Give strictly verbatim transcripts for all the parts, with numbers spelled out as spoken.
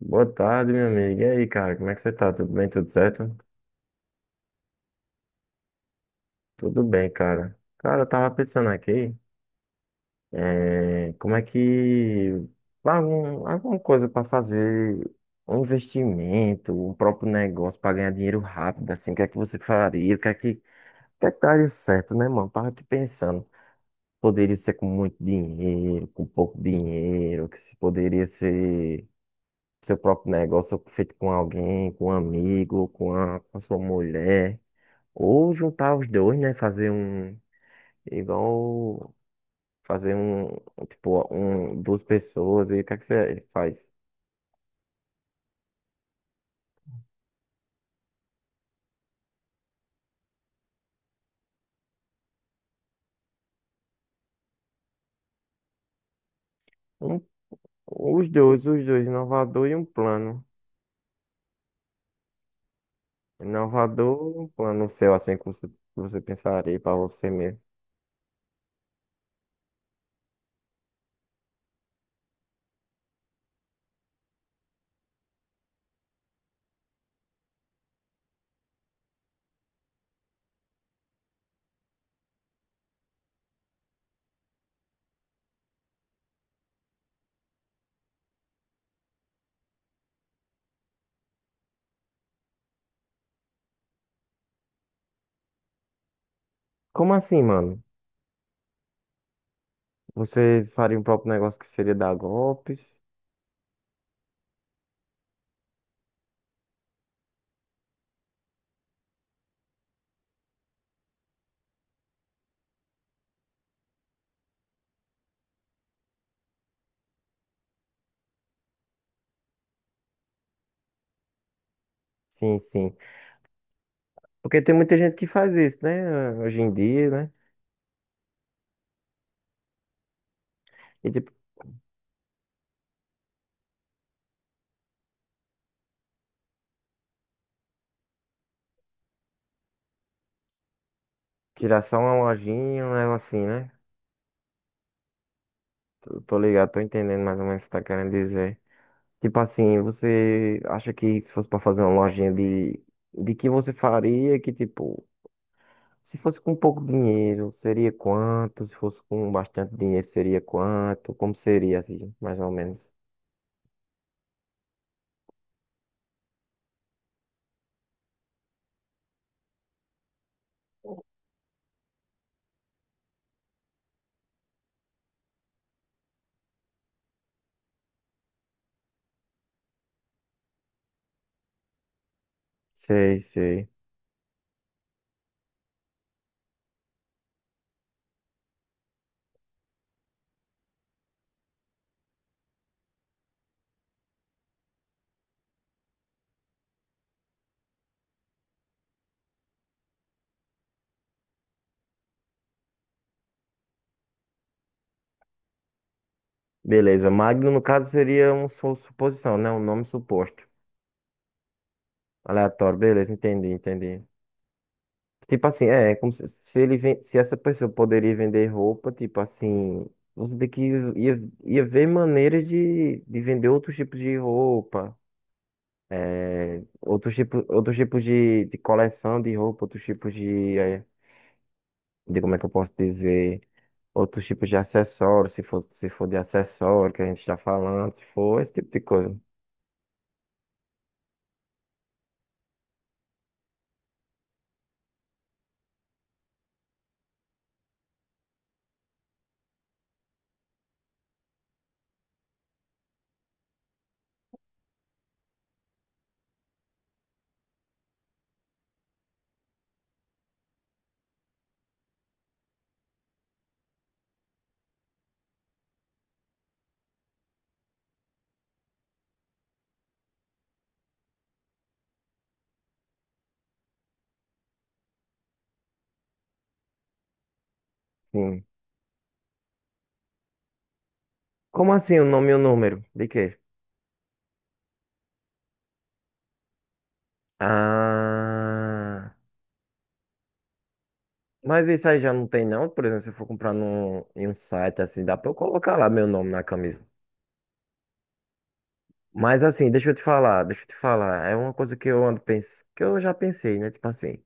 Boa tarde, meu amigo. E aí, cara, como é que você tá? Tudo bem? Tudo certo? Tudo bem, cara. Cara, eu tava pensando aqui, eh, como é que algum, alguma coisa pra fazer um investimento, um próprio negócio pra ganhar dinheiro rápido, assim, o que é que você faria? O que é que, o que é que daria certo, né, mano? Tava aqui pensando. Poderia ser com muito dinheiro, com pouco dinheiro, que se poderia ser seu próprio negócio feito com alguém, com um amigo, com a, com a sua mulher. Ou juntar os dois, né? Fazer um. Igual. Fazer um. Tipo, um, duas pessoas. E o que é que você faz? Um, os dois, os dois. Inovador e um plano. Inovador, um plano seu, assim, que você, que você pensaria pra você mesmo. Como assim, mano? Você faria um próprio negócio que seria dar golpes? Sim, sim. Porque tem muita gente que faz isso, né? Hoje em dia, né? E tipo, tirar só uma lojinha, um negocinho, né? Tô tô ligado, tô entendendo mais ou menos o que você tá querendo dizer. Tipo assim, você acha que se fosse para fazer uma lojinha de, de que você faria que, tipo, se fosse com pouco dinheiro, seria quanto? Se fosse com bastante dinheiro, seria quanto? Como seria, assim, mais ou menos? Sei, sei. Beleza, Magno, no caso, seria uma su- suposição, né? Um nome suposto. Aleatório, beleza, entendi, entendi. Tipo assim, é é como se, se ele ven- se essa pessoa poderia vender roupa, tipo assim, você tem que ia, ia ver maneiras de, de vender outros tipos de roupa, é, outros tipos outros tipos de, de coleção de roupa, outros tipos de, é, de como é que eu posso dizer, outros tipos de acessórios, se for se for de acessório que a gente está falando, se for esse tipo de coisa. Sim. Como assim o nome e o número? De quê? Ah. Mas isso aí já não tem não, por exemplo, se eu for comprar num, em um site assim, dá pra eu colocar lá meu nome na camisa. Mas assim, deixa eu te falar, deixa eu te falar, é uma coisa que eu ando pens... que eu já pensei, né? Tipo assim,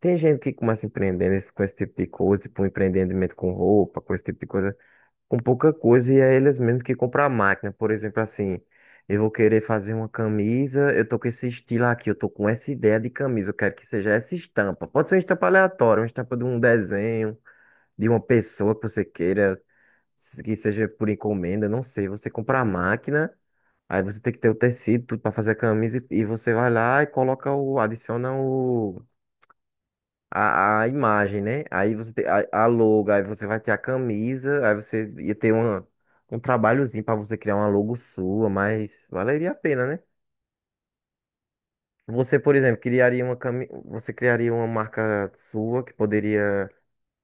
tem gente que começa empreendendo esse- com esse tipo de coisa, tipo um empreendimento com roupa, com esse tipo de coisa, com pouca coisa, e é eles mesmos que compram a máquina. Por exemplo, assim, eu vou querer fazer uma camisa, eu tô com esse estilo aqui, eu tô com essa ideia de camisa, eu quero que seja essa estampa. Pode ser uma estampa aleatória, uma estampa de um desenho de uma pessoa que você queira, se- que seja por encomenda, não sei. Você compra a máquina, aí você tem que ter o tecido, tudo para fazer a camisa, e, e você vai lá e coloca o, adiciona o, a, a imagem, né? Aí você tem a, a logo, aí você vai ter a camisa, aí você ia ter uma, um trabalhozinho para você criar uma logo sua, mas valeria a pena, né? Você, por exemplo, criaria uma cami... você criaria uma marca sua que poderia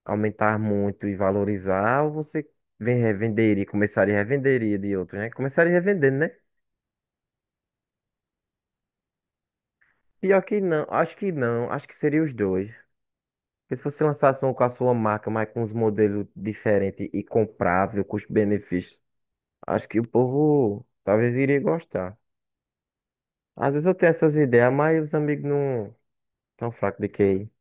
aumentar muito e valorizar, ou você vem revender e começaria a revender e revenderia de outros, né? Começaria revendendo, né? Pior que não, acho que não, acho que seria os dois. Porque se você lançasse um com a sua marca, mas com uns modelos diferentes e comprável, custo-benefício, acho que o povo talvez iria gostar. Às vezes eu tenho essas ideias, mas os amigos não tão fracos de Q I.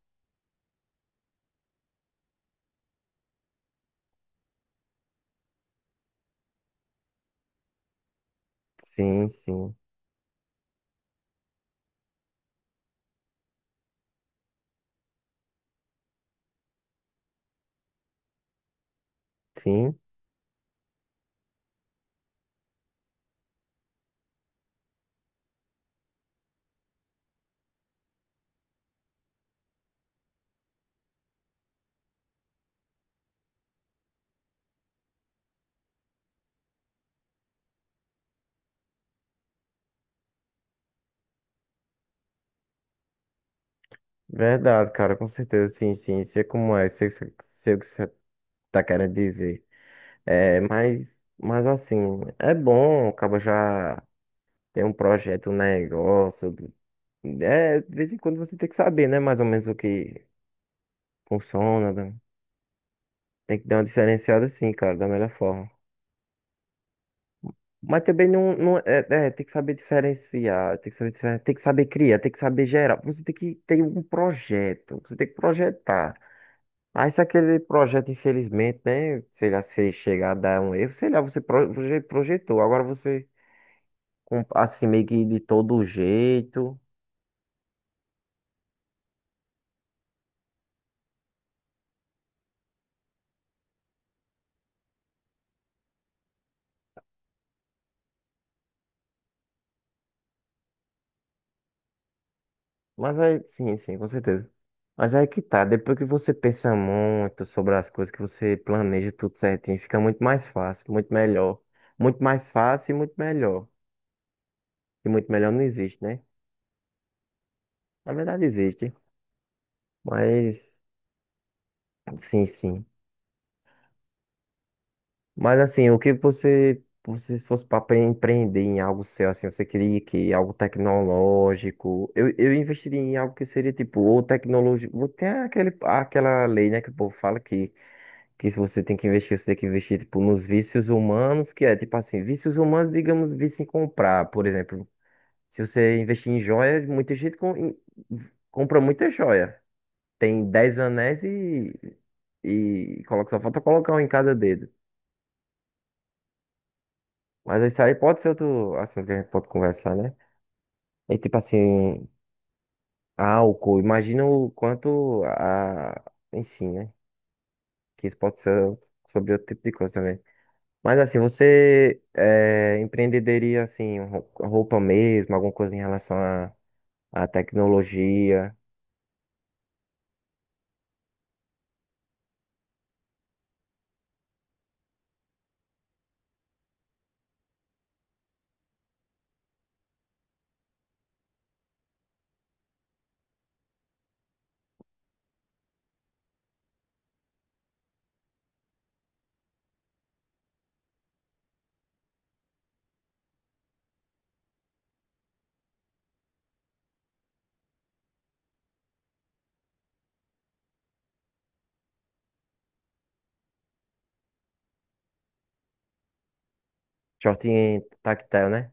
Sim, sim, sim. Verdade, cara, com certeza, sim, sim. Sei como é, sei, sei, sei o que você tá querendo dizer. É, mas, mas assim, é bom, acaba já tem um projeto, um negócio. É, de vez em quando você tem que saber, né? Mais ou menos o que funciona, né? Tem que dar uma diferenciada assim, cara, da melhor forma. Mas também não, não é, é, tem que saber diferenciar, tem que saber, diferen- tem que saber criar, tem que saber gerar. Você tem que ter um projeto, você tem que projetar. Aí se aquele projeto, infelizmente, né? Sei lá, se chegar a dar um erro, sei lá, você proje- projetou. Agora você com- assim, meio que de todo jeito. Mas aí, sim, sim, com certeza. Mas aí que tá, depois que você pensa muito sobre as coisas, que você planeja tudo certinho, fica muito mais fácil, muito melhor. Muito mais fácil e muito melhor. E muito melhor não existe, né? Na verdade existe, mas sim, sim. Mas assim, o que você, você se fosse para empreender em algo seu, assim, você queria que algo tecnológico, eu, eu investiria em algo que seria tipo, ou tecnológico, tem aquele, aquela lei, né, que o povo fala que, que se você tem que investir, você tem que investir, tipo, nos vícios humanos, que é, tipo assim, vícios humanos, digamos, vício em comprar, por exemplo, se você investir em joia, muita gente com- em- compra muita joia, tem dez anéis e, e coloca, só falta colocar um em cada dedo. Mas isso aí pode ser outro assunto que a gente pode conversar, né? É tipo assim, álcool. Imagina o quanto a. Enfim, né? Que isso pode ser sobre outro tipo de coisa também. Mas assim, você é, empreendedoria assim, rou- roupa mesmo, alguma coisa em relação à à tecnologia, short tactile, né?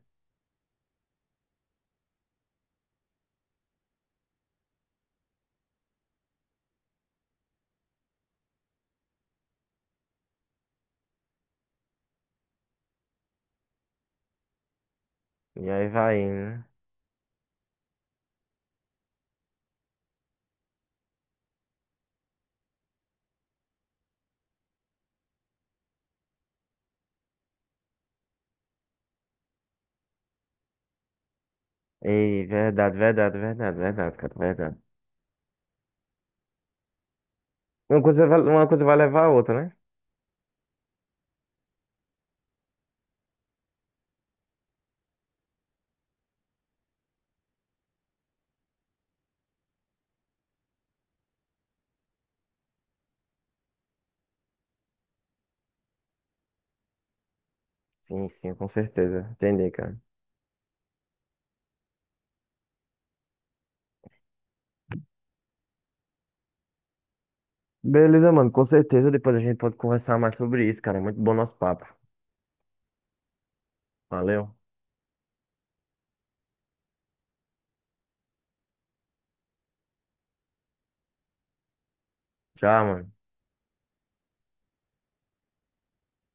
E aí vai indo, né? Ei, verdade, verdade, verdade, verdade, cara, verdade. Uma coisa, vai- uma coisa vai levar a outra, né? Sim, sim, com certeza. Entendi, cara. Beleza, mano. Com certeza depois a gente pode conversar mais sobre isso, cara. É muito bom nosso papo. Valeu. Tchau, mano.